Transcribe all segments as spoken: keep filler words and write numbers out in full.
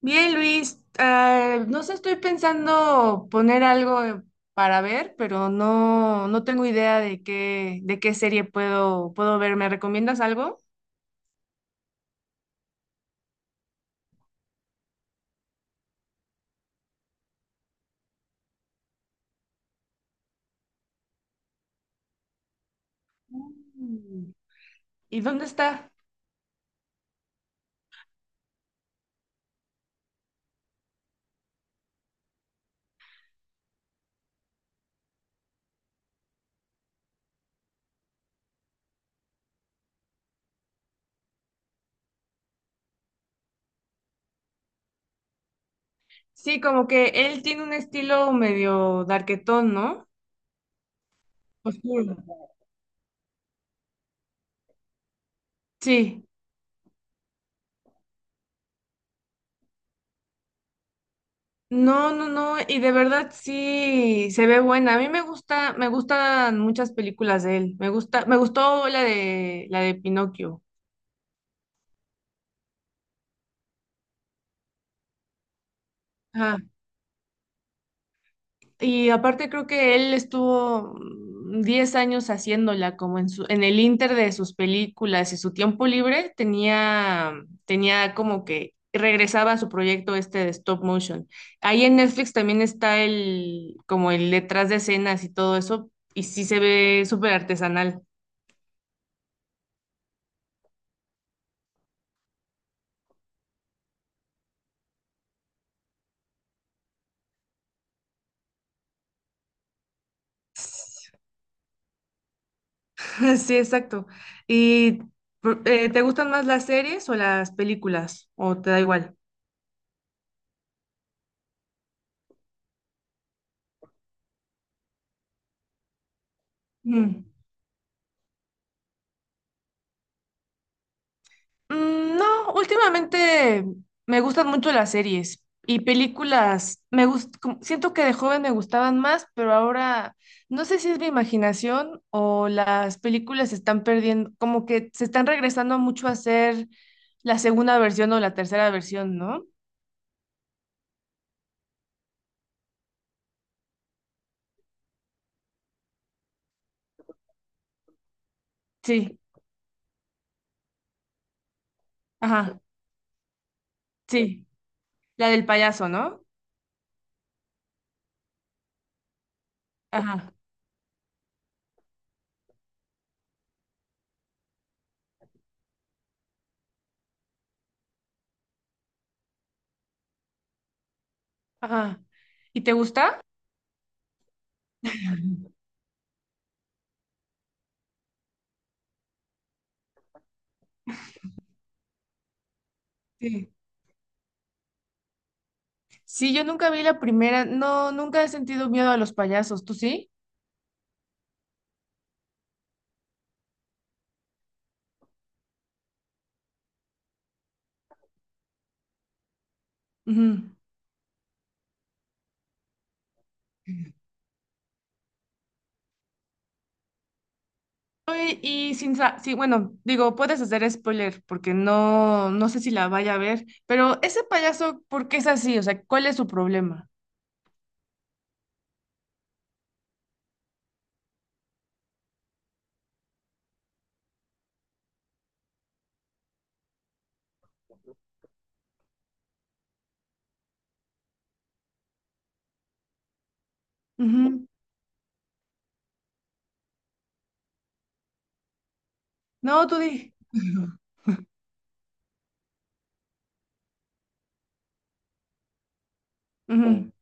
Bien, Luis, eh, no sé, estoy pensando poner algo eh, para ver, pero no, no tengo idea de qué, de qué serie puedo, puedo ver. ¿Me recomiendas algo? Mm. ¿Y dónde está? Sí, como que él tiene un estilo medio darketón, ¿no? Oscuro. Sí. No, no, no, y de verdad sí se ve buena. A mí me gusta, me gustan muchas películas de él. Me gusta, me gustó la de la de Pinocchio. Y aparte creo que él estuvo mm, diez años haciéndola como en su, en el inter de sus películas y su tiempo libre tenía, tenía como que regresaba a su proyecto este de stop motion. Ahí en Netflix también está el, como el detrás de escenas y todo eso, y sí se ve súper artesanal. Sí, exacto. ¿Y pr- eh, te gustan más las series o las películas? ¿O te da igual? Mm, No, últimamente me gustan mucho las series y películas. Me gust- como- siento que de joven me gustaban más, pero ahora no sé si es mi imaginación o las películas se están perdiendo, como que se están regresando mucho a ser la segunda versión o la tercera versión, ¿no? Sí, ajá, sí, la del payaso, ¿no? Ajá, ajá. ¿Y te gusta? Sí. Sí, yo nunca vi la primera, no, nunca he sentido miedo a los payasos, ¿tú sí? Ujú. Oye, y sin, sa- sí, bueno, digo, puedes hacer spoiler porque no, no sé si la vaya a ver, pero ese payaso, ¿por qué es así? O sea, ¿cuál es su problema? Ujú. No, tú di. Ujú. Mm.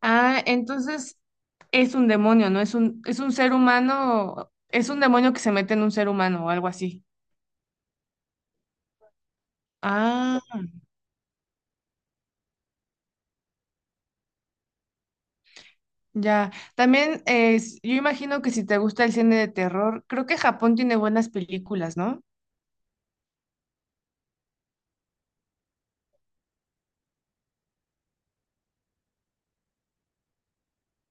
Ah, entonces es un demonio, ¿no? Es un, es un ser humano, es un demonio que se mete en un ser humano o algo así. Ah. Ya, también es, yo imagino que si te gusta el cine de terror, creo que Japón tiene buenas películas, ¿no?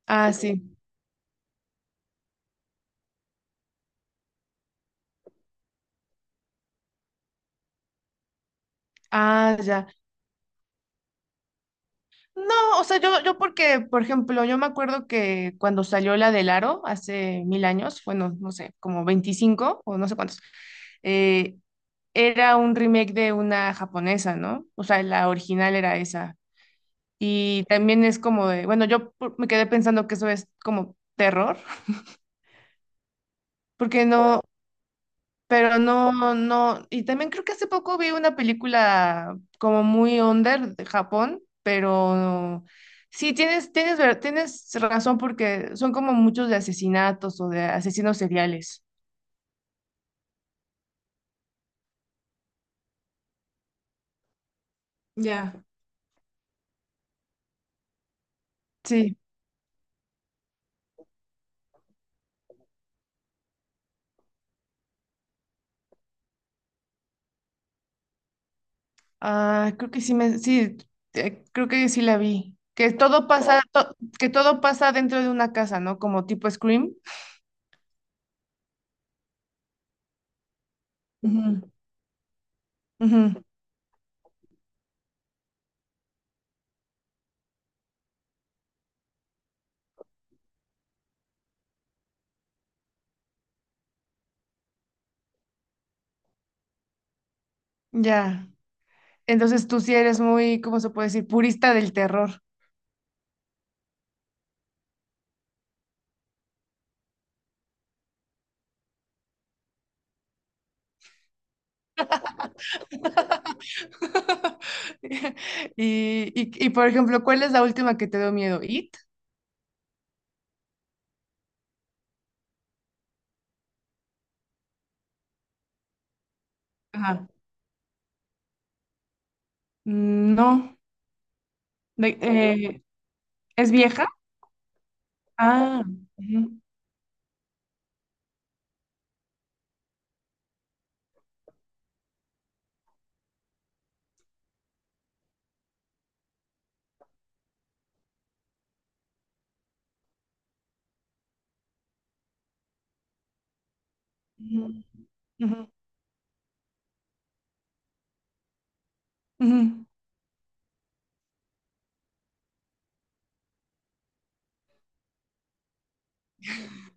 Ah, sí. Ah, ya. No, o sea, yo, yo porque, por ejemplo, yo me acuerdo que cuando salió la del Aro hace mil años, bueno, no sé, como veinticinco o no sé cuántos, eh, era un remake de una japonesa, ¿no? O sea, la original era esa. Y también es como de, bueno, yo por- me quedé pensando que eso es como terror, porque no, pero no, no, y también creo que hace poco vi una película como muy under de Japón, pero sí, tienes, tienes, ver- tienes razón porque son como muchos de asesinatos o de asesinos seriales. Ya. Sí, ah, creo que sí me, sí, eh, creo que sí la vi. Que todo pasa, to- que todo pasa dentro de una casa, ¿no? Como tipo Scream. Ujú. Ujú, ya. Entonces tú sí eres muy, ¿cómo se puede decir? Purista del terror. Y, y, y, por ejemplo, ¿cuál es la última que te dio miedo? ¿It? Ajá. No. De- Eh, eh, ¿Es vieja? Ah. Ujú, ujú, ujú, ujú.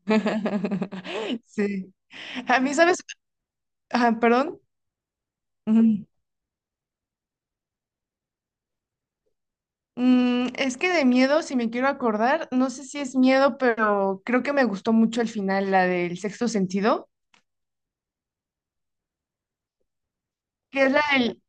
Sí. A mí, ¿sabes? Ah, perdón. Ujú. Mm, es que de miedo, si me quiero acordar, no sé si es miedo, pero creo que me gustó mucho el final, la del sexto sentido, que es la del,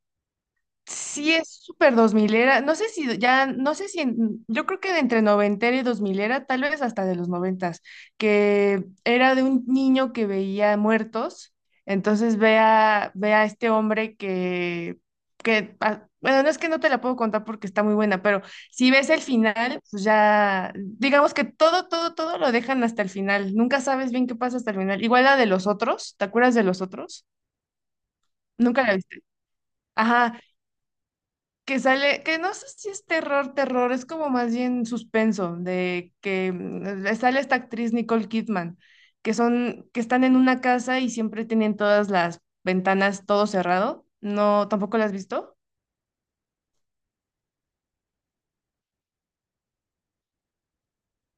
sí, es súper dos milera. No sé si ya, no sé si, en- Yo creo que de entre noventera y dos milera, tal vez hasta de los noventas, que era de un niño que veía muertos. Entonces ve a, ve a este hombre que, que, ah, bueno, no es que no te la puedo contar porque está muy buena, pero si ves el final, pues ya, digamos que todo, todo, todo lo dejan hasta el final. Nunca sabes bien qué pasa hasta el final. Igual la de los otros, ¿te acuerdas de los otros? Nunca la viste. Ajá que sale, que no sé si es terror, terror, es como más bien suspenso, de que mm, sale esta actriz Nicole Kidman, que son, que están en una casa y siempre tienen todas las ventanas todo cerrado. No, ¿tampoco la has visto?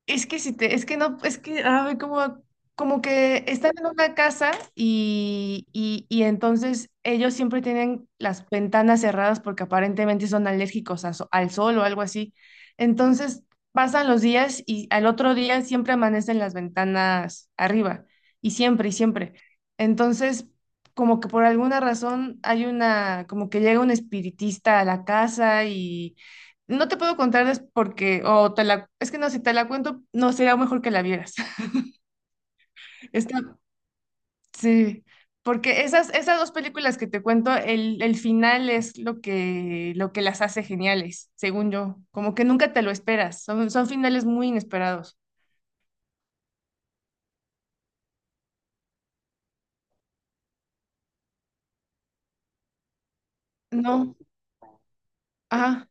Es que si te, es que no, es que, ay, como, como que están en una casa y, y, y, entonces ellos siempre tienen las ventanas cerradas porque aparentemente son alérgicos a so- al sol o algo así. Entonces pasan los días y al otro día siempre amanecen las ventanas arriba y siempre y siempre. Entonces, como que por alguna razón hay una, como que llega un espiritista a la casa y no te puedo contar des- porque, o te la, es que no, si te la cuento, no sería mejor que la vieras. Está, sí, porque esas, esas dos películas que te cuento, el, el final es lo que, lo que, las hace geniales, según yo. Como que nunca te lo esperas, son, son finales muy inesperados. No, ajá.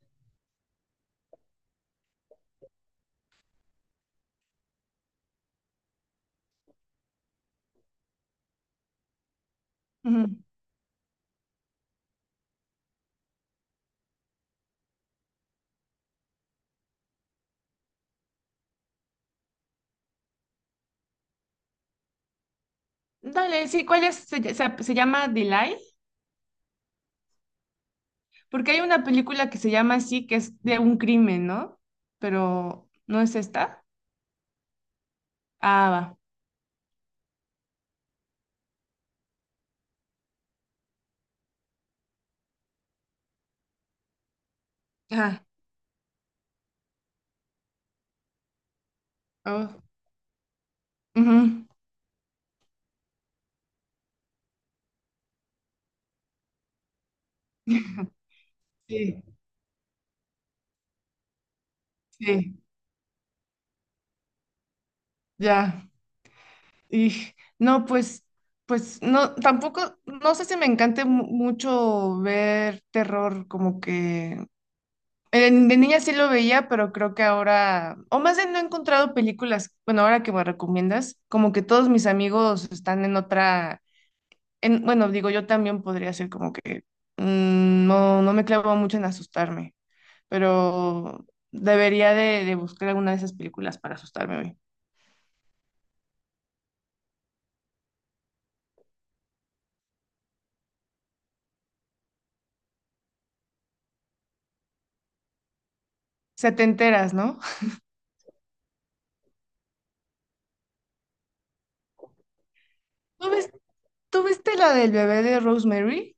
Ujú. Dale, sí, ¿cuál es? Se, ll- se, se llama Delay, porque hay una película que se llama así, que es de un crimen, ¿no? Pero, ¿no es esta? Ah, va. Ajá. Oh, ujú. Sí, sí, ya. Y no, pues, pues no, tampoco, no sé si me encante mu- mucho ver terror, como que en- de niña sí lo veía, pero creo que ahora, o más bien no he encontrado películas, bueno, ahora que me recomiendas, como que todos mis amigos están en otra, en, bueno, digo, yo también podría ser como que mm, no, no me clavo mucho en asustarme, pero debería de, de buscar alguna de esas películas para asustarme hoy. Se te enteras, ¿no? ¿Tú ves- tú viste la del bebé de Rosemary?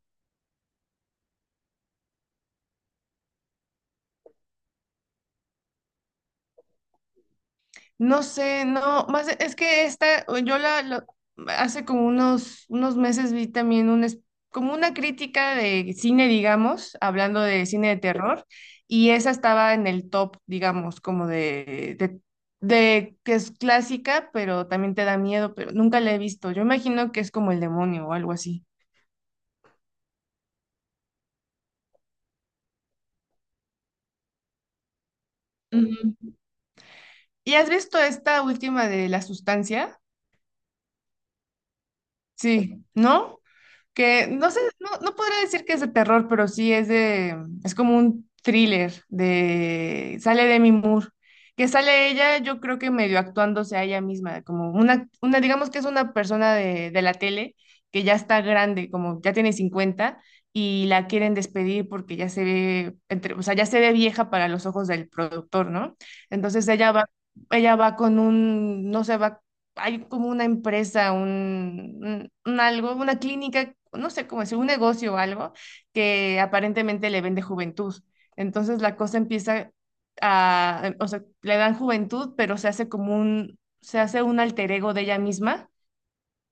No sé, no, más e, es que esta, yo la, lo- hace como unos, unos meses vi también un, es- como una crítica de cine, digamos, hablando de cine de terror, y esa estaba en el top, digamos, como de, de, de que es clásica, pero también te da miedo, pero nunca la he visto. Yo imagino que es como el demonio o algo así. Ujú. ¿Y has visto esta última de la sustancia? Sí, ¿no? Que no sé, no, no podría decir que es de terror, pero sí es de, es como un thriller de, sale Demi Moore, que sale ella, yo creo que medio actuándose a ella misma, como una, una, digamos que es una persona de, de la tele que ya está grande, como ya tiene cincuenta y la quieren despedir porque ya se ve, entre- o sea, ya se ve vieja para los ojos del productor, ¿no? Entonces ella va, ella va con un, no sé, va hay como una empresa, un, un- un algo, una clínica, no sé cómo decir, un negocio o algo que aparentemente le vende juventud. Entonces la cosa empieza a, o sea, le dan juventud, pero se hace como un, se hace un alter ego de ella misma.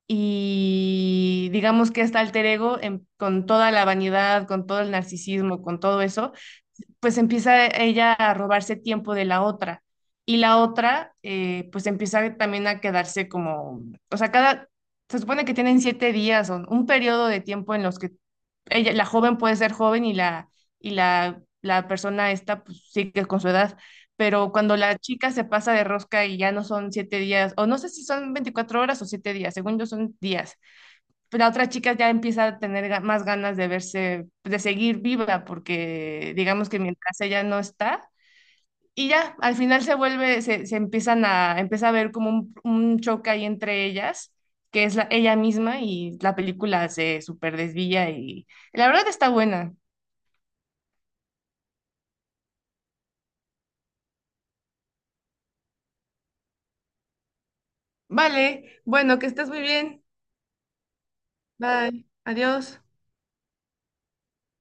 Y digamos que este alter ego, en- con toda la vanidad, con todo el narcisismo, con todo eso, pues empieza ella a robarse tiempo de la otra y la otra eh, pues empieza también a quedarse como, o sea, cada, se supone que tienen siete días o un periodo de tiempo en los que ella, la joven puede ser joven y la, y la, la persona esta pues sigue con su edad, pero cuando la chica se pasa de rosca y ya no son siete días, o no sé si son veinticuatro horas o siete días, según yo son días, la otra chica ya empieza a tener ga- más ganas de verse, de seguir viva, porque digamos que mientras ella no está, y ya, al final se vuelve, se, se empiezan a, empieza a ver como un, un choque ahí entre ellas, que es la, ella misma, y la película se súper desvía y la verdad está buena. Vale, bueno, que estés muy bien. Bye, adiós.